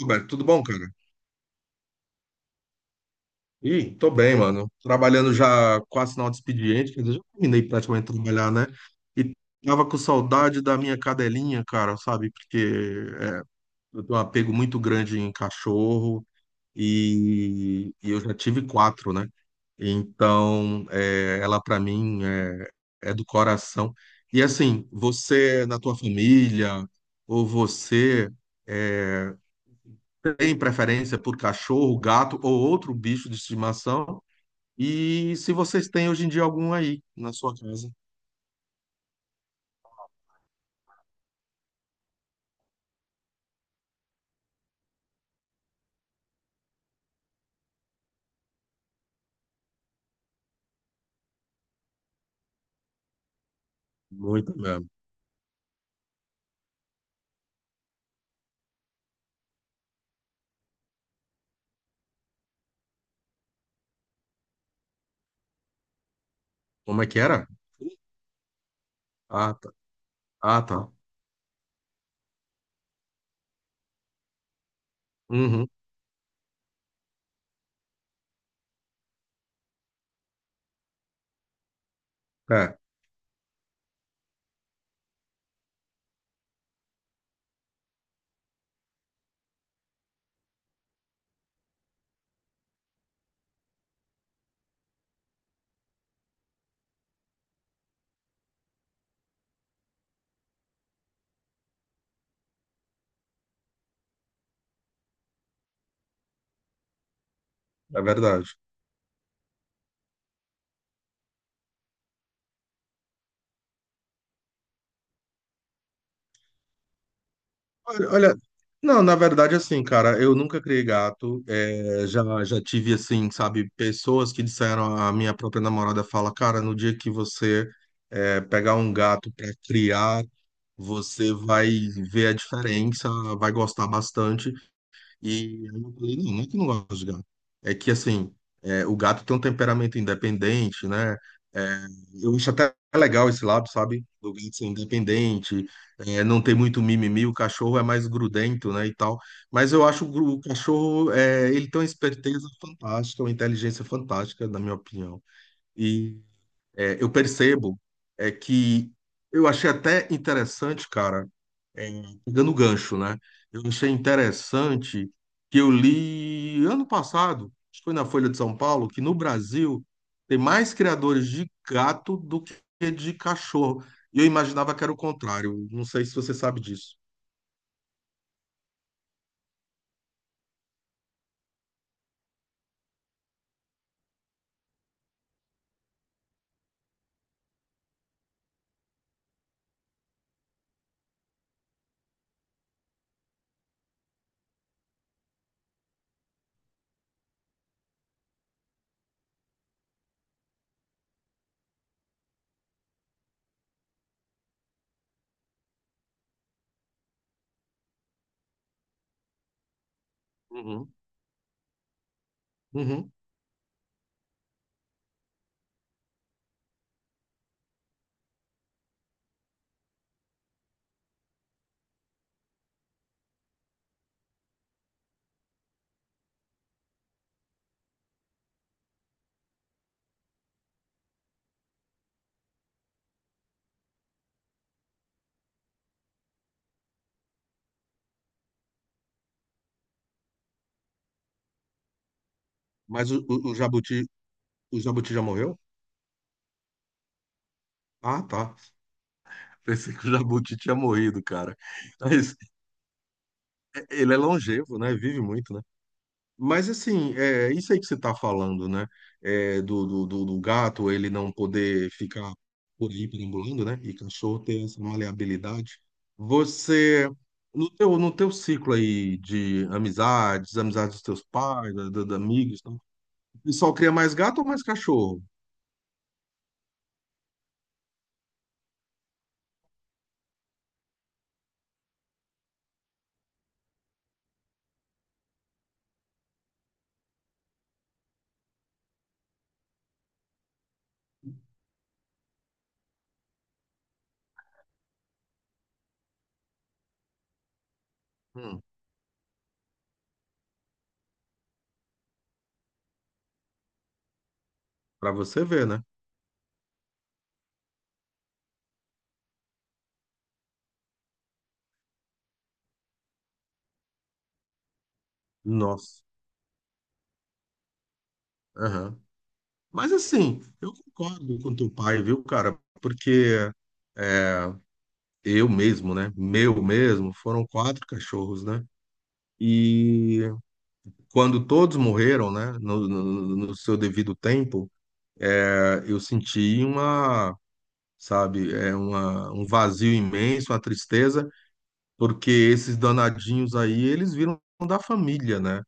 Roberto, tudo bom, cara? Tô bem, mano. Trabalhando já quase final de expediente, quer dizer, já terminei praticamente de trabalhar, né? E tava com saudade da minha cadelinha, cara, sabe? Porque é, eu tenho um apego muito grande em cachorro e, eu já tive quatro, né? Então, é, ela pra mim é, é do coração. E assim, você na tua família ou você é, têm preferência por cachorro, gato ou outro bicho de estimação. E se vocês têm hoje em dia algum aí na sua casa. Muito mesmo. Como é que era? Ah, tá. Ah, tá. Uhum. É, é verdade. Olha, olha, não, na verdade, assim, cara, eu nunca criei gato. É, já tive, assim, sabe, pessoas que disseram, a minha própria namorada fala, cara, no dia que você pegar um gato para criar, você vai ver a diferença, vai gostar bastante. E aí eu falei, não, não é que eu não gosto de gato. É que, assim, é, o gato tem um temperamento independente, né? É, eu acho até legal esse lado, sabe? Do gato ser independente, é, não ter muito mimimi, o cachorro é mais grudento, né, e tal. Mas eu acho o, o cachorro, é, ele tem uma esperteza fantástica, uma inteligência fantástica, na minha opinião. E é, eu percebo é que eu achei até interessante, cara, é, pegando o gancho, né? Eu achei interessante que eu li ano passado, acho que foi na Folha de São Paulo, que no Brasil tem mais criadores de gato do que de cachorro. E eu imaginava que era o contrário. Não sei se você sabe disso. Uhum. Uhum. Mas o Jabuti já morreu? Ah, tá. Pensei que o Jabuti tinha morrido, cara. Mas ele é longevo, né? Vive muito, né? Mas assim, é isso aí que você está falando, né? É, do gato ele não poder ficar por aí perambulando, né? E cachorro ter essa maleabilidade. Você, no teu ciclo aí de amizades, amizades dos teus pais, da amigos, e tal, o pessoal cria mais gato ou mais cachorro? Hum, para você ver, né? Nossa. Aham. Mas assim, eu concordo com teu pai, viu, cara? Porque eu mesmo, né? Meu mesmo, foram quatro cachorros, né? E quando todos morreram, né, no seu devido tempo, eu senti uma, sabe, é uma, um vazio imenso, uma tristeza, porque esses danadinhos aí, eles viram da família, né?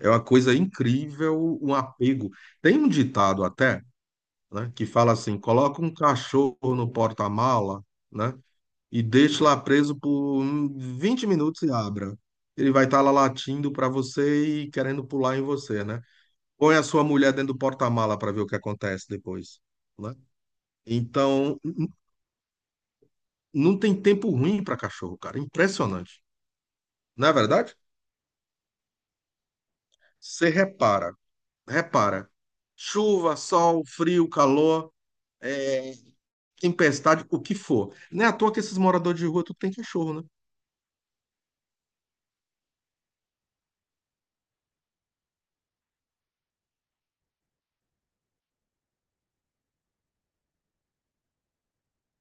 É uma coisa incrível o apego. Tem um ditado até, né, que fala assim: coloca um cachorro no porta-mala, né, e deixa lá preso por 20 minutos e abra. Ele vai estar lá latindo para você e querendo pular em você, né? Põe a sua mulher dentro do porta-mala para ver o que acontece depois, né? Então, não tem tempo ruim para cachorro, cara. Impressionante. Não é verdade? Você repara, repara. Chuva, sol, frio, calor, é, tempestade, o que for. Não é à toa que esses moradores de rua tudo tem cachorro, né?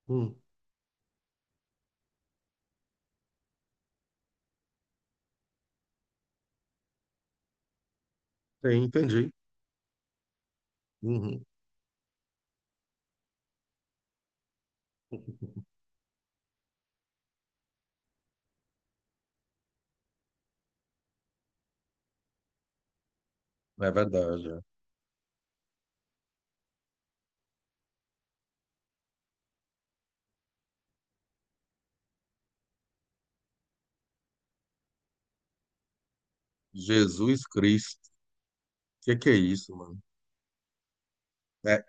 Hum, tem, entendi. Uhum. É verdade. É. Jesus Cristo. O que que é isso, mano? É.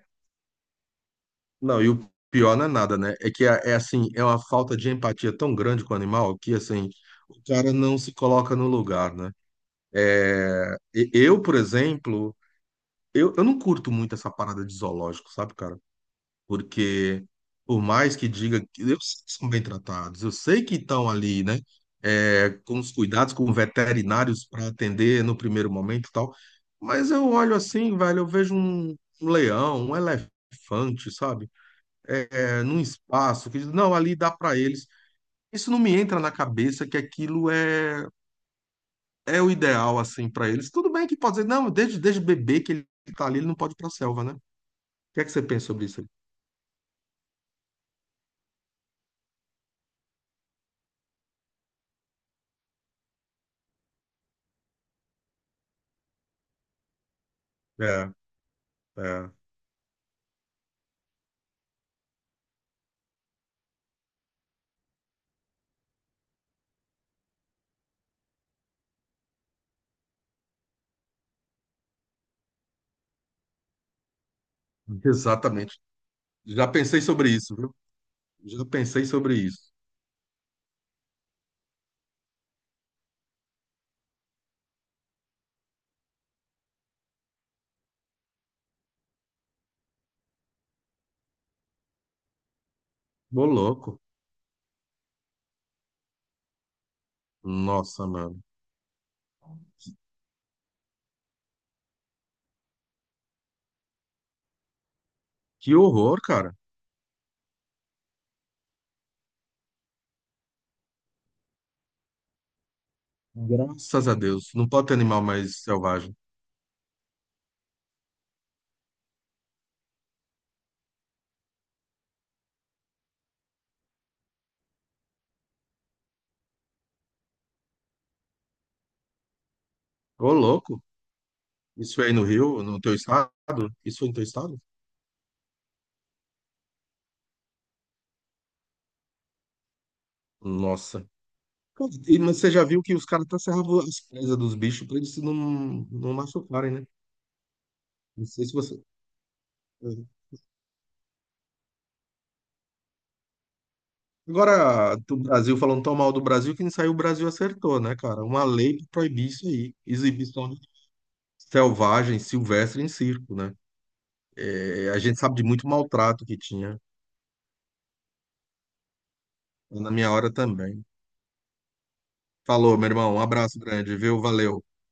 Não, e o pior não é nada, né? É que é, é assim, é uma falta de empatia tão grande com o animal que assim, o cara não se coloca no lugar, né? É, eu, por exemplo, eu não curto muito essa parada de zoológico, sabe, cara? Porque por mais que diga que eu sei que são bem tratados, eu sei que estão ali, né? É, com os cuidados com veterinários para atender no primeiro momento e tal. Mas eu olho assim, velho, eu vejo um leão, um elefante, sabe? É, é, num espaço, que diz, não, ali dá para eles. Isso não me entra na cabeça que aquilo é, é o ideal, assim, para eles. Tudo bem que pode dizer, não, desde bebê que ele está ali, ele não pode ir para a selva, né? O que é que você pensa sobre isso? aí? É, é, exatamente. Já pensei sobre isso, viu? Já pensei sobre isso. Ô, louco. Nossa, mano. Que horror, cara. Graças a Deus. Não pode ter animal mais selvagem. Ô, louco. Isso aí no Rio, no teu estado? Isso aí no teu estado? Nossa. E, mas você já viu que os caras até serravam as presas dos bichos pra eles não, não machucarem, né? Não sei se você. É. Agora, do Brasil, falando tão mal do Brasil, quem saiu o Brasil acertou, né, cara? Uma lei pra proibir isso aí. Exibição selvagem, silvestre em circo, né? É, a gente sabe de muito maltrato que tinha. Na minha hora também. Falou, meu irmão. Um abraço grande, viu? Valeu.